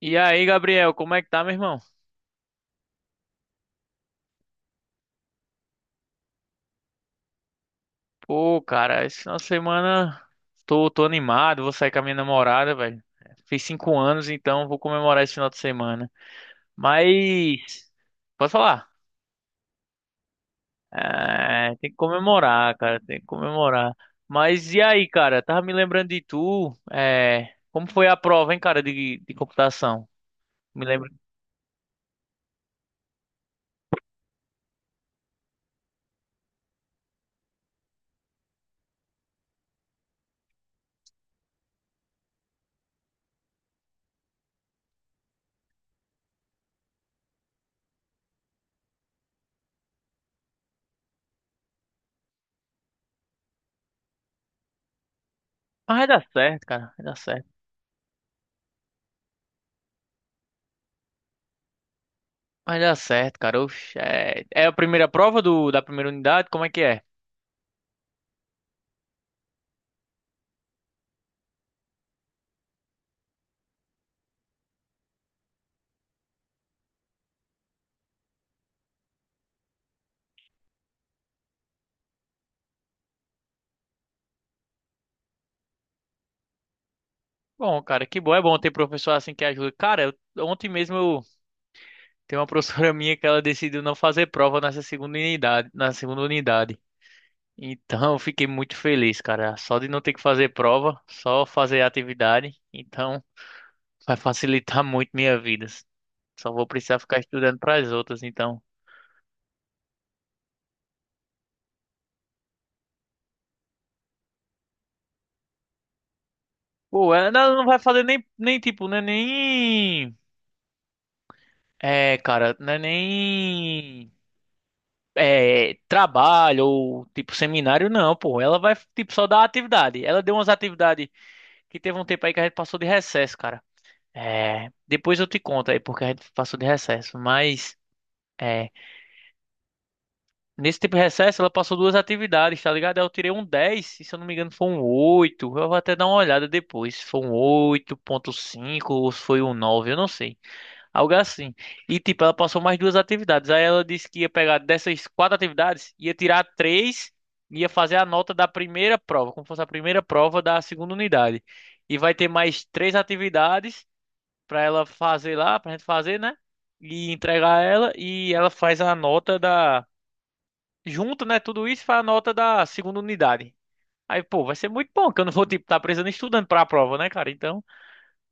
E aí, Gabriel, como é que tá, meu irmão? Pô, cara, esse final de semana tô animado, vou sair com a minha namorada, velho. Fiz 5 anos, então vou comemorar esse final de semana. Mas, pode falar? É, tem que comemorar, cara, tem que comemorar. Mas e aí, cara, tava me lembrando de tu, como foi a prova, hein, cara, de computação? Me lembro. Mas vai dar certo, cara, vai dar certo. Vai dar certo, cara. Oxe, é a primeira prova do, da primeira unidade? Como é que é? Bom, cara, que bom, é bom ter professor assim que ajuda. Cara, ontem mesmo eu tenho uma professora minha que ela decidiu não fazer prova nessa segunda unidade, na segunda unidade. Então, eu fiquei muito feliz, cara, só de não ter que fazer prova, só fazer atividade. Então, vai facilitar muito minha vida. Só vou precisar ficar estudando para as outras, então. Pô, ela não vai fazer nem tipo, né, nem é, cara, não é nem é, trabalho ou tipo seminário, não, pô. Ela vai tipo só dar atividade. Ela deu umas atividades que teve um tempo aí que a gente passou de recesso, cara. É, depois eu te conto aí porque a gente passou de recesso, mas é, nesse tipo de recesso ela passou duas atividades, tá ligado? Aí eu tirei um 10, e se eu não me engano foi um oito. Eu vou até dar uma olhada depois, se foi um 8,5 ou se foi um nove, eu não sei. Algo assim. E, tipo, ela passou mais duas atividades. Aí ela disse que ia pegar dessas quatro atividades, ia tirar três, ia fazer a nota da primeira prova, como fosse a primeira prova da segunda unidade. E vai ter mais três atividades para ela fazer lá, pra gente fazer, né? E entregar ela. E ela faz a nota da. Junto, né? Tudo isso faz a nota da segunda unidade. Aí, pô, vai ser muito bom, que eu não vou, tipo, tá precisando estudando pra prova, né, cara? Então,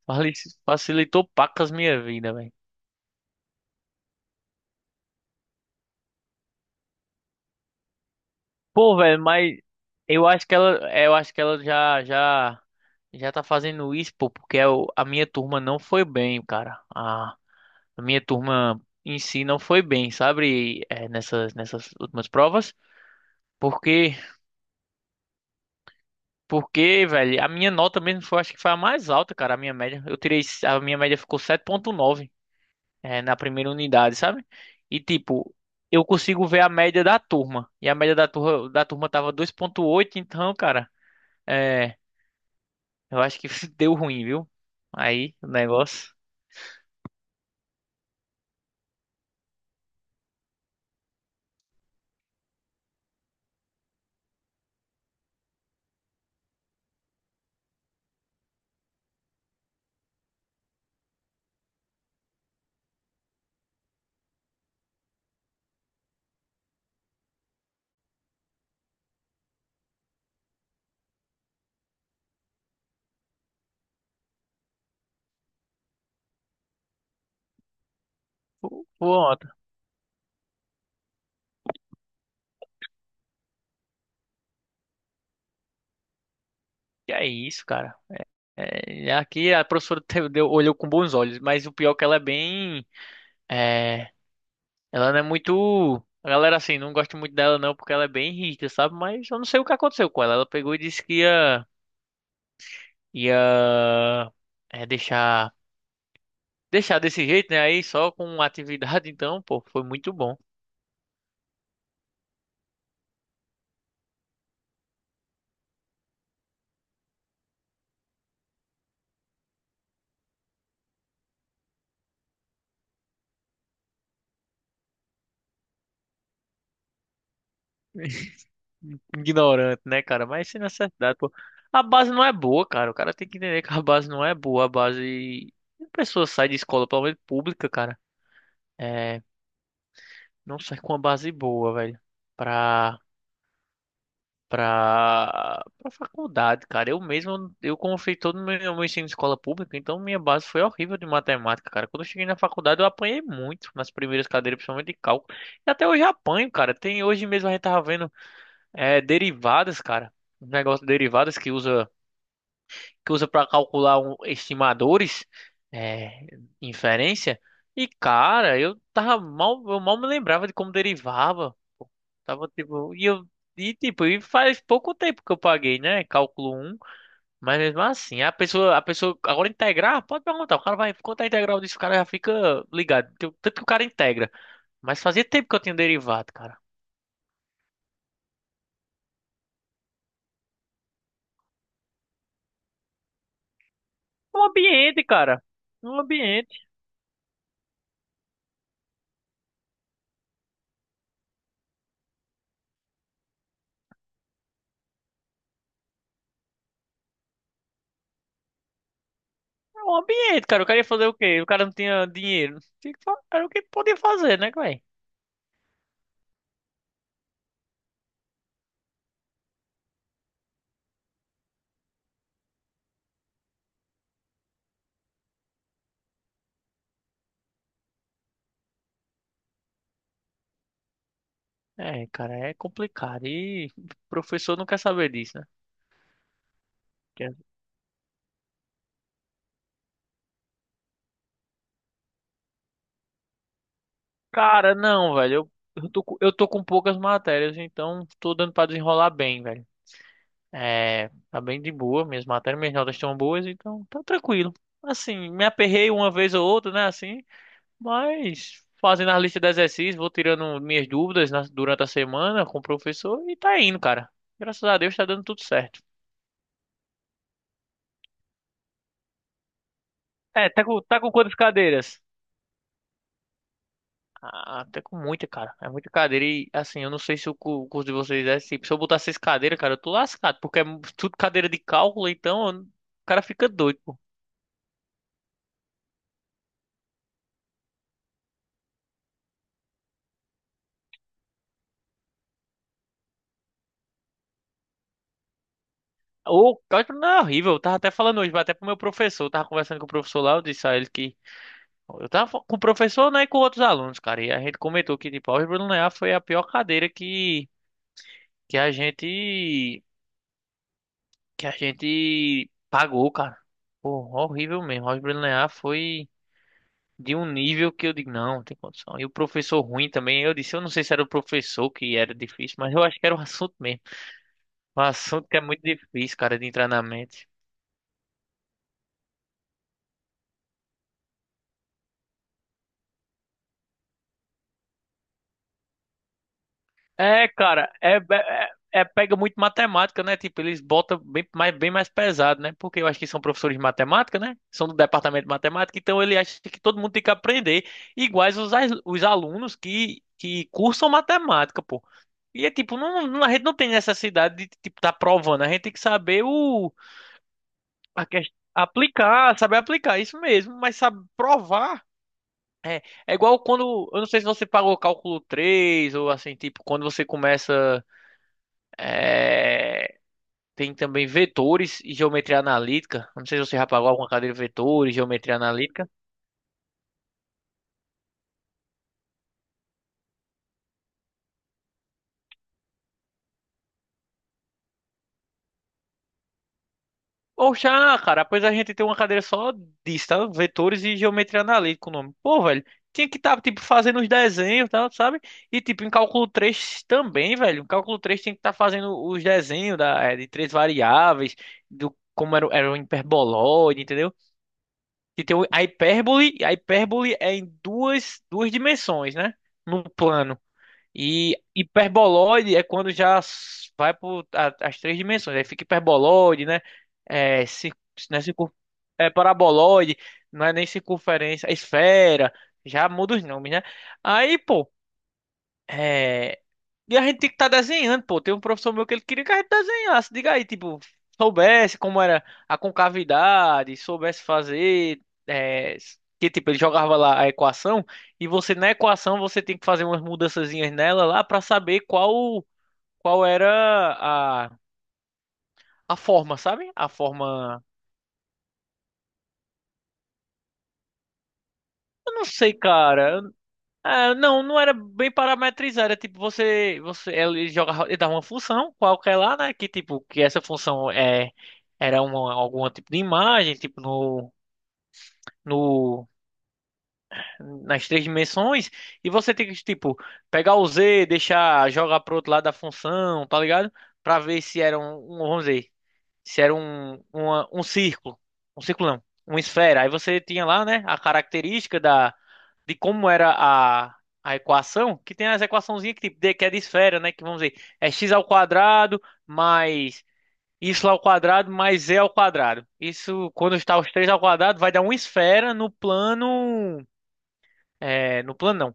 vale, facilitou pacas minha vida, velho. Pô, velho, mas eu acho que ela, é, eu acho que ela já tá fazendo isso, pô, porque a minha turma não foi bem, cara. A minha turma em si não foi bem, sabe? É, nessas últimas provas. Porque, porque, velho, a minha nota mesmo foi, acho que foi a mais alta, cara, a minha média. Eu tirei, a minha média ficou 7,9, é, na primeira unidade, sabe? E tipo, eu consigo ver a média da turma. E a média da turma tava 2,8 então, cara. É, eu acho que deu ruim, viu? Aí o negócio. Pô, ontem. Que é isso, cara? É, aqui a professora olhou com bons olhos, mas o pior é que ela é bem. É, ela não é muito. A galera assim, não gosta muito dela não, porque ela é bem rígida, sabe? Mas eu não sei o que aconteceu com ela. Ela pegou e disse que ia é, deixar desse jeito, né? Aí só com atividade, então, pô, foi muito bom. Ignorante, né, cara? Mas sem necessidade, pô. A base não é boa, cara. O cara tem que entender que a base não é boa. A base. A pessoa sai de escola, pelo menos pública, cara. É. Não sai com uma base boa, velho. Pra. Pra faculdade, cara. Eu mesmo, eu confio todo o meu ensino de escola pública, então minha base foi horrível de matemática, cara. Quando eu cheguei na faculdade, eu apanhei muito nas primeiras cadeiras, principalmente de cálculo. E até hoje eu apanho, cara. Tem hoje mesmo a gente tava vendo derivadas, cara, um negócio de derivadas que usa para calcular estimadores, é, inferência. E cara, eu tava mal, eu mal me lembrava de como derivava. Pô. Tava tipo, e faz pouco tempo que eu paguei, né? Cálculo um. Mas mesmo assim, a pessoa agora integrar, pode perguntar, o cara vai contar a integral disso, o cara já fica ligado. Tanto que o cara integra, mas fazia tempo que eu tinha derivado, cara. Um ambiente, cara. Um ambiente. É um ambiente, cara. O cara ia fazer o quê? O cara não tinha dinheiro. Tinha era o que podia fazer, né, velho? É, cara, é complicado. E o professor não quer saber disso, né? Quer- Cara, não, velho. Eu eu tô com poucas matérias, então tô dando pra desenrolar bem, velho. É, tá bem de boa. Minhas matérias, minhas notas estão boas, então tá tranquilo. Assim, me aperrei uma vez ou outra, né? Assim, mas fazendo a lista de exercícios, vou tirando minhas dúvidas durante a semana com o professor e tá indo, cara. Graças a Deus tá dando tudo certo. É, tá com quantas cadeiras? Ah, até com muita, cara. É muita cadeira e assim, eu não sei se o curso de vocês é assim. Se eu botar seis cadeiras, cara, eu tô lascado, porque é tudo cadeira de cálculo, então eu não- o cara fica doido, pô. O cálculo não é horrível, eu tava até falando hoje, mas até pro meu professor, eu tava conversando com o professor lá, eu disse a ele que eu tava com o professor, né, e com outros alunos, cara. E a gente comentou que, tipo, a álgebra linear foi a pior cadeira que a gente, que a gente pagou, cara. Pô, horrível mesmo. A álgebra linear foi de um nível que eu digo, não, não tem condição. E o professor ruim também. Eu disse, eu não sei se era o professor que era difícil, mas eu acho que era o assunto mesmo. Um assunto que é muito difícil, cara, de entrar na mente. É, cara, pega muito matemática, né? Tipo, eles botam bem mais pesado, né? Porque eu acho que são professores de matemática, né? São do departamento de matemática, então ele acha que todo mundo tem que aprender, iguais os, os alunos que cursam matemática, pô. E é tipo, a gente não tem necessidade de, tipo, tá provando, a gente tem que saber o, aplicar, saber aplicar, isso mesmo, mas sabe provar. É igual quando, eu não sei se você pagou cálculo 3 ou assim, tipo, quando você começa. É, tem também vetores e geometria analítica. Eu não sei se você já pagou alguma cadeira de vetores, geometria analítica. Ou já, cara, pois a gente tem uma cadeira só disso, tá? Vetores e geometria analítica, o nome. Pô, velho, tinha que estar, tá, tipo, fazendo os desenhos, tá? Sabe? E, tipo, em cálculo 3 também, velho. Em cálculo 3 tinha que estar fazendo os desenhos da, é, de três variáveis, do como era, era o hiperboloide, entendeu? E tem a hipérbole é em duas dimensões, né? No plano. E hiperboloide é quando vai para as três dimensões. Aí fica hiperboloide, né? É, cir- né, é paraboloide, não é nem circunferência, é esfera, já muda os nomes, né? Aí, pô, é, e a gente tem que estar desenhando, pô. Tem um professor meu que ele queria que a gente desenhasse. Diga aí, tipo, soubesse como era a concavidade, soubesse fazer. É, que tipo, ele jogava lá a equação. E você, na equação, você tem que fazer umas mudançazinhas nela lá pra saber qual, qual era a, a forma, sabe? A forma. Eu não sei, cara. Ah, não, não era bem parametrizado. Era tipo, ele jogava, ele dava uma função qualquer lá, né? Que tipo, que essa função é, era uma, algum tipo de imagem, tipo no, no, nas três dimensões. E você tem que, tipo, pegar o Z, deixar, jogar pro outro lado da função, tá ligado? Pra ver se era um, vamos dizer, se era um, um círculo não, uma esfera. Aí você tinha lá, né, a característica da, de como era a equação, que tem as equaçãozinhas que, tipo, que é de esfera, né, que vamos dizer, é x ao quadrado mais y ao quadrado mais z ao quadrado. Isso, quando está os três ao quadrado, vai dar uma esfera no plano. É, no plano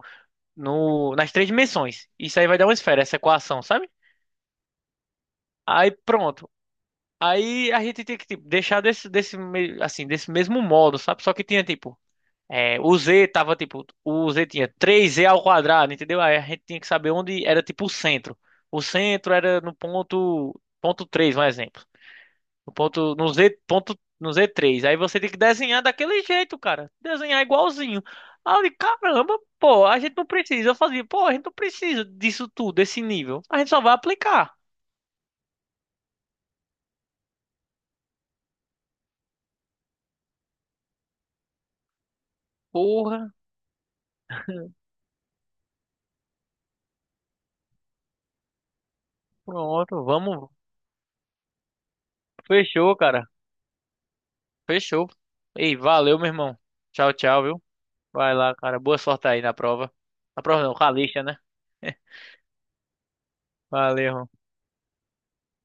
não, no, nas três dimensões. Isso aí vai dar uma esfera, essa equação, sabe? Aí pronto. Aí a gente tinha que tipo, deixar assim, desse mesmo modo, sabe? Só que tinha tipo. É, o Z tava tipo. O Z tinha três z ao quadrado, entendeu? Aí a gente tinha que saber onde era tipo o centro. O centro era no ponto. Ponto 3, um exemplo. No ponto. No Z, ponto, no z três. Aí você tem que desenhar daquele jeito, cara. Desenhar igualzinho. Aí eu digo, caramba, pô, a gente não precisa. Eu fazia, pô, a gente não precisa disso tudo, desse nível. A gente só vai aplicar. Porra, pronto, vamos. Fechou, cara. Fechou. Ei, valeu, meu irmão. Tchau, tchau, viu? Vai lá, cara. Boa sorte aí na prova. Na prova não, com a lixa, né? Valeu.